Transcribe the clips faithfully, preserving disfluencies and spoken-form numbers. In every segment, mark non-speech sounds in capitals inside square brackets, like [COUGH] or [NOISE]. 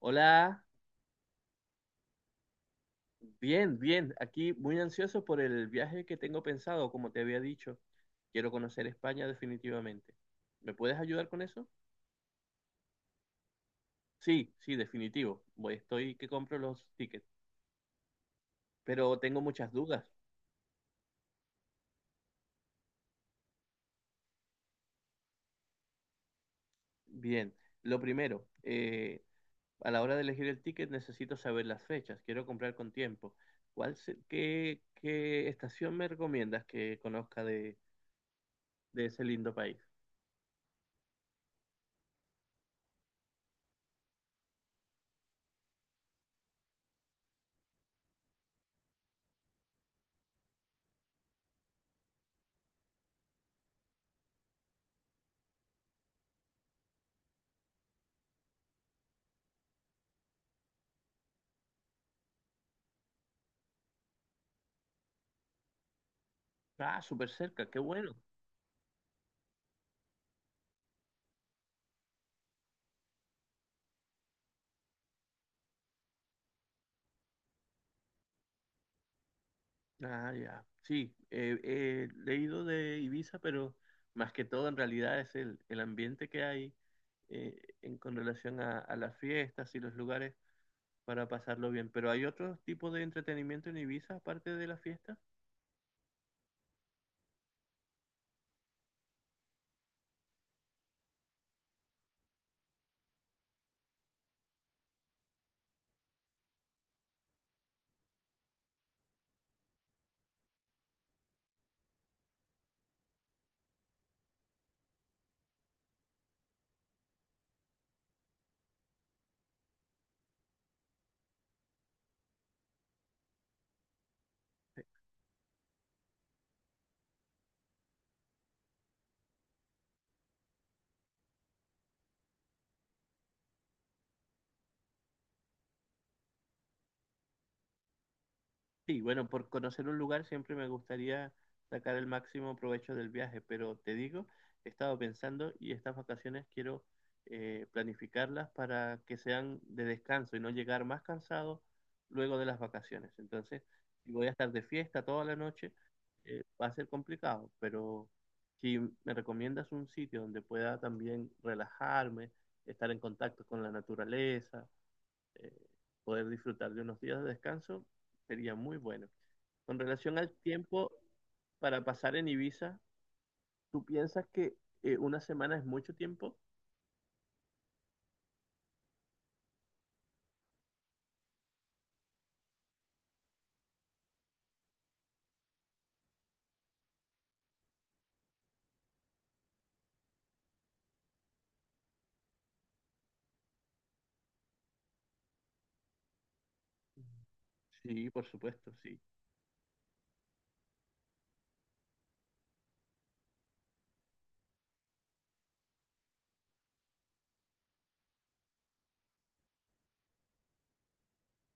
Hola, bien, bien. Aquí muy ansioso por el viaje que tengo pensado, como te había dicho. Quiero conocer España definitivamente. ¿Me puedes ayudar con eso? Sí, sí, definitivo. Voy, estoy que compro los tickets, pero tengo muchas dudas. Bien, lo primero, eh, a la hora de elegir el ticket necesito saber las fechas. Quiero comprar con tiempo. ¿Cuál se- qué, qué estación me recomiendas que conozca de, de ese lindo país? Ah, súper cerca, qué bueno. Ah, ya. Sí, eh, eh, leído de Ibiza, pero más que todo en realidad es el, el ambiente que hay eh, en, con relación a, a las fiestas y los lugares para pasarlo bien. Pero hay otro tipo de entretenimiento en Ibiza aparte de las fiestas. Sí, bueno, por conocer un lugar siempre me gustaría sacar el máximo provecho del viaje, pero te digo, he estado pensando y estas vacaciones quiero eh, planificarlas para que sean de descanso y no llegar más cansado luego de las vacaciones. Entonces, si voy a estar de fiesta toda la noche, eh, va a ser complicado, pero si me recomiendas un sitio donde pueda también relajarme, estar en contacto con la naturaleza, eh, poder disfrutar de unos días de descanso, sería muy bueno. Con relación al tiempo para pasar en Ibiza, ¿tú piensas que eh, una semana es mucho tiempo? Sí, por supuesto, sí.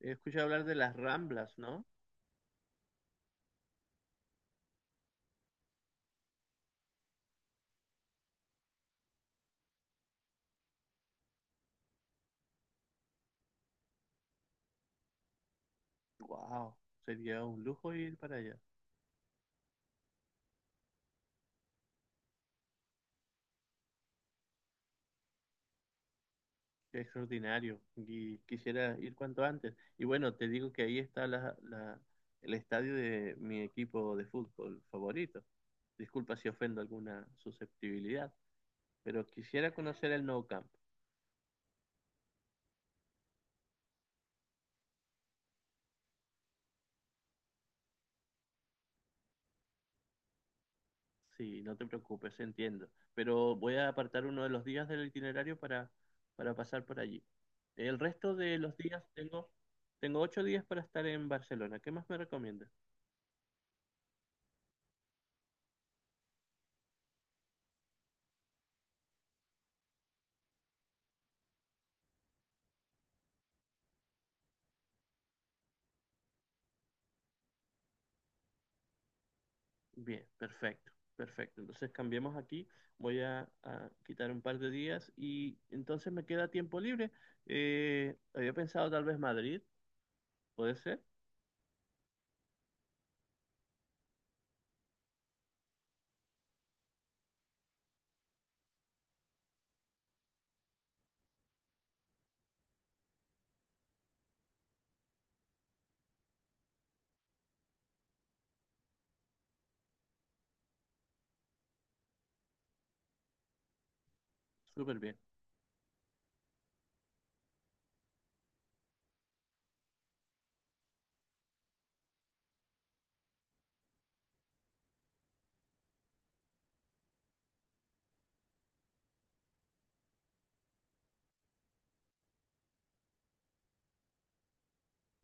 He escuchado hablar de las Ramblas, ¿no? Wow, sería un lujo ir para allá. Qué extraordinario. Y quisiera ir cuanto antes. Y bueno, te digo que ahí está la, la- el estadio de mi equipo de fútbol favorito. Disculpa si ofendo alguna susceptibilidad, pero quisiera conocer el Nou Camp. Sí, no te preocupes, entiendo. Pero voy a apartar uno de los días del itinerario para, para pasar por allí. El resto de los días tengo, tengo ocho días para estar en Barcelona. ¿Qué más me recomiendas? Bien, perfecto, perfecto. Entonces cambiemos aquí. Voy a, a quitar un par de días y entonces me queda tiempo libre. Eh, había pensado tal vez Madrid, ¿puede ser? Súper bien,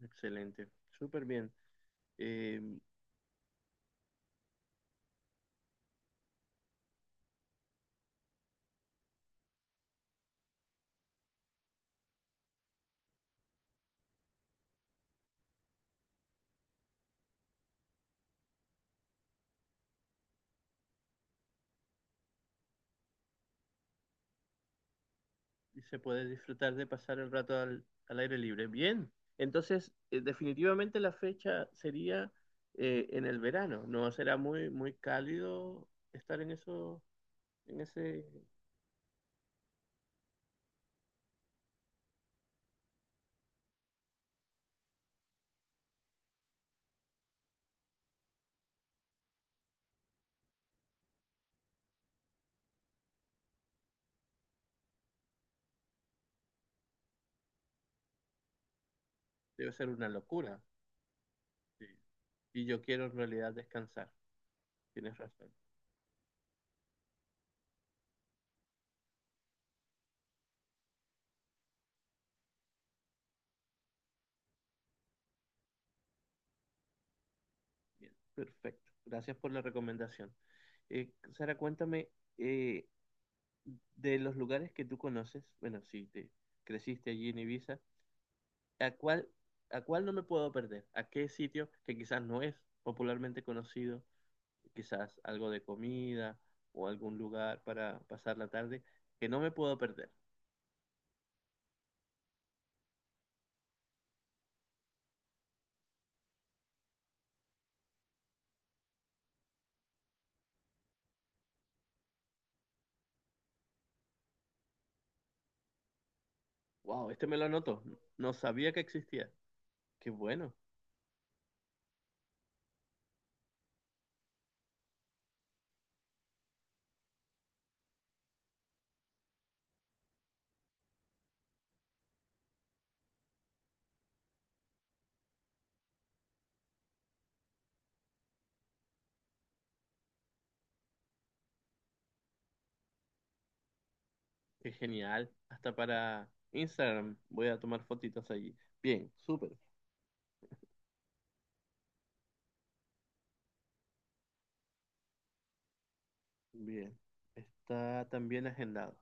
excelente, súper bien. Em, y se puede disfrutar de pasar el rato al, al aire libre. Bien, entonces eh, definitivamente la fecha sería eh, en el verano, ¿no? Será muy, muy cálido estar en eso, en ese, debe ser una locura. Sí. Y yo quiero en realidad descansar, tienes razón. Bien, perfecto, gracias por la recomendación. Eh, Sara, cuéntame, eh, de los lugares que tú conoces, bueno, si te creciste allí en Ibiza, ¿A cuál, ¿a cuál no me puedo perder? ¿A qué sitio que quizás no es popularmente conocido? Quizás algo de comida o algún lugar para pasar la tarde que no me puedo perder. Wow, este me lo anoto. No sabía que existía. Qué bueno, qué genial. Hasta para Instagram voy a tomar fotitos allí. Bien, súper. Bien. Está también agendado.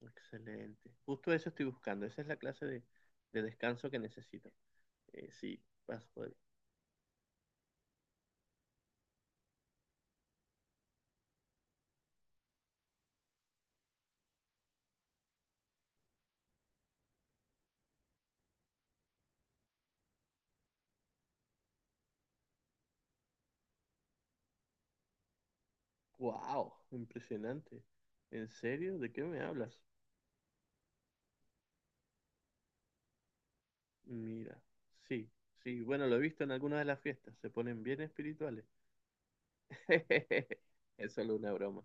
Excelente. Justo eso estoy buscando. Esa es la clase de, de descanso que necesito. Eh, sí, vas, wow, impresionante. ¿En serio? ¿De qué me hablas? Mira, sí, sí, bueno, lo he visto en algunas de las fiestas, se ponen bien espirituales. [LAUGHS] Es solo una broma.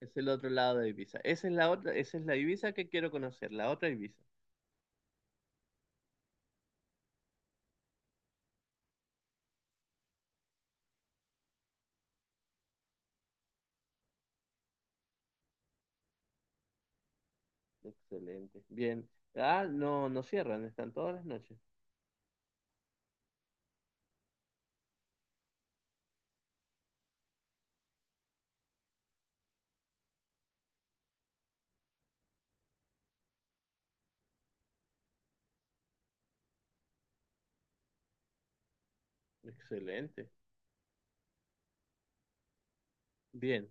Es el otro lado de Ibiza. Esa es la otra, esa es la Ibiza que quiero conocer, la otra Ibiza. Excelente. Bien. Ah, no, no cierran, están todas las noches. Excelente. Bien,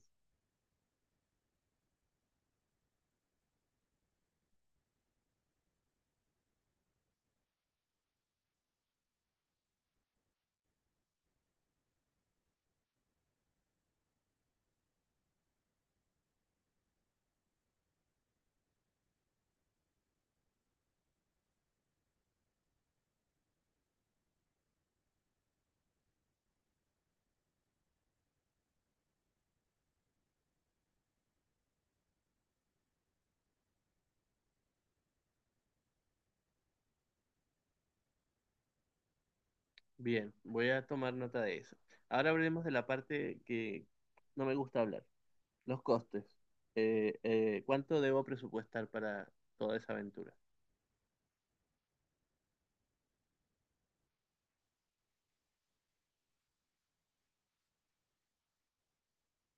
bien. Voy a tomar nota de eso. Ahora hablemos de la parte que no me gusta hablar. Los costes. Eh, eh, ¿cuánto debo presupuestar para toda esa aventura?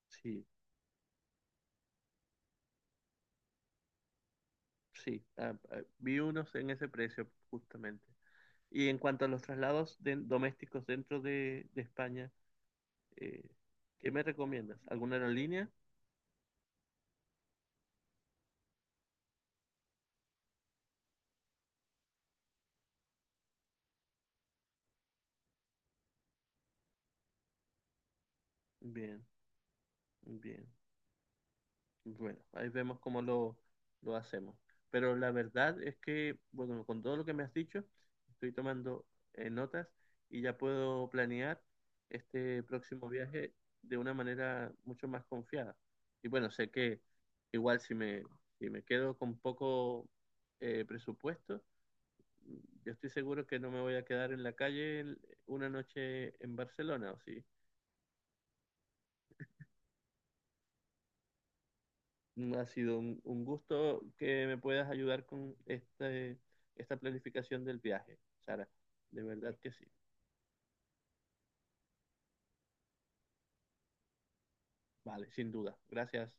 Sí, sí. ah, ah, vi unos en ese precio, justamente. Y en cuanto a los traslados de- domésticos dentro de, de España, eh, ¿qué me recomiendas? ¿Alguna aerolínea? Bien, bien. Bueno, ahí vemos cómo lo, lo hacemos. Pero la verdad es que, bueno, con todo lo que me has dicho, estoy tomando eh, notas y ya puedo planear este próximo viaje de una manera mucho más confiada. Y bueno, sé que igual si me, si me quedo con poco eh, presupuesto, yo estoy seguro que no me voy a quedar en la calle una noche en Barcelona, ¿o sí? Mm, Ha sido un, un gusto que me puedas ayudar con este, esta planificación del viaje, Sara. De verdad que sí. Vale, sin duda. Gracias.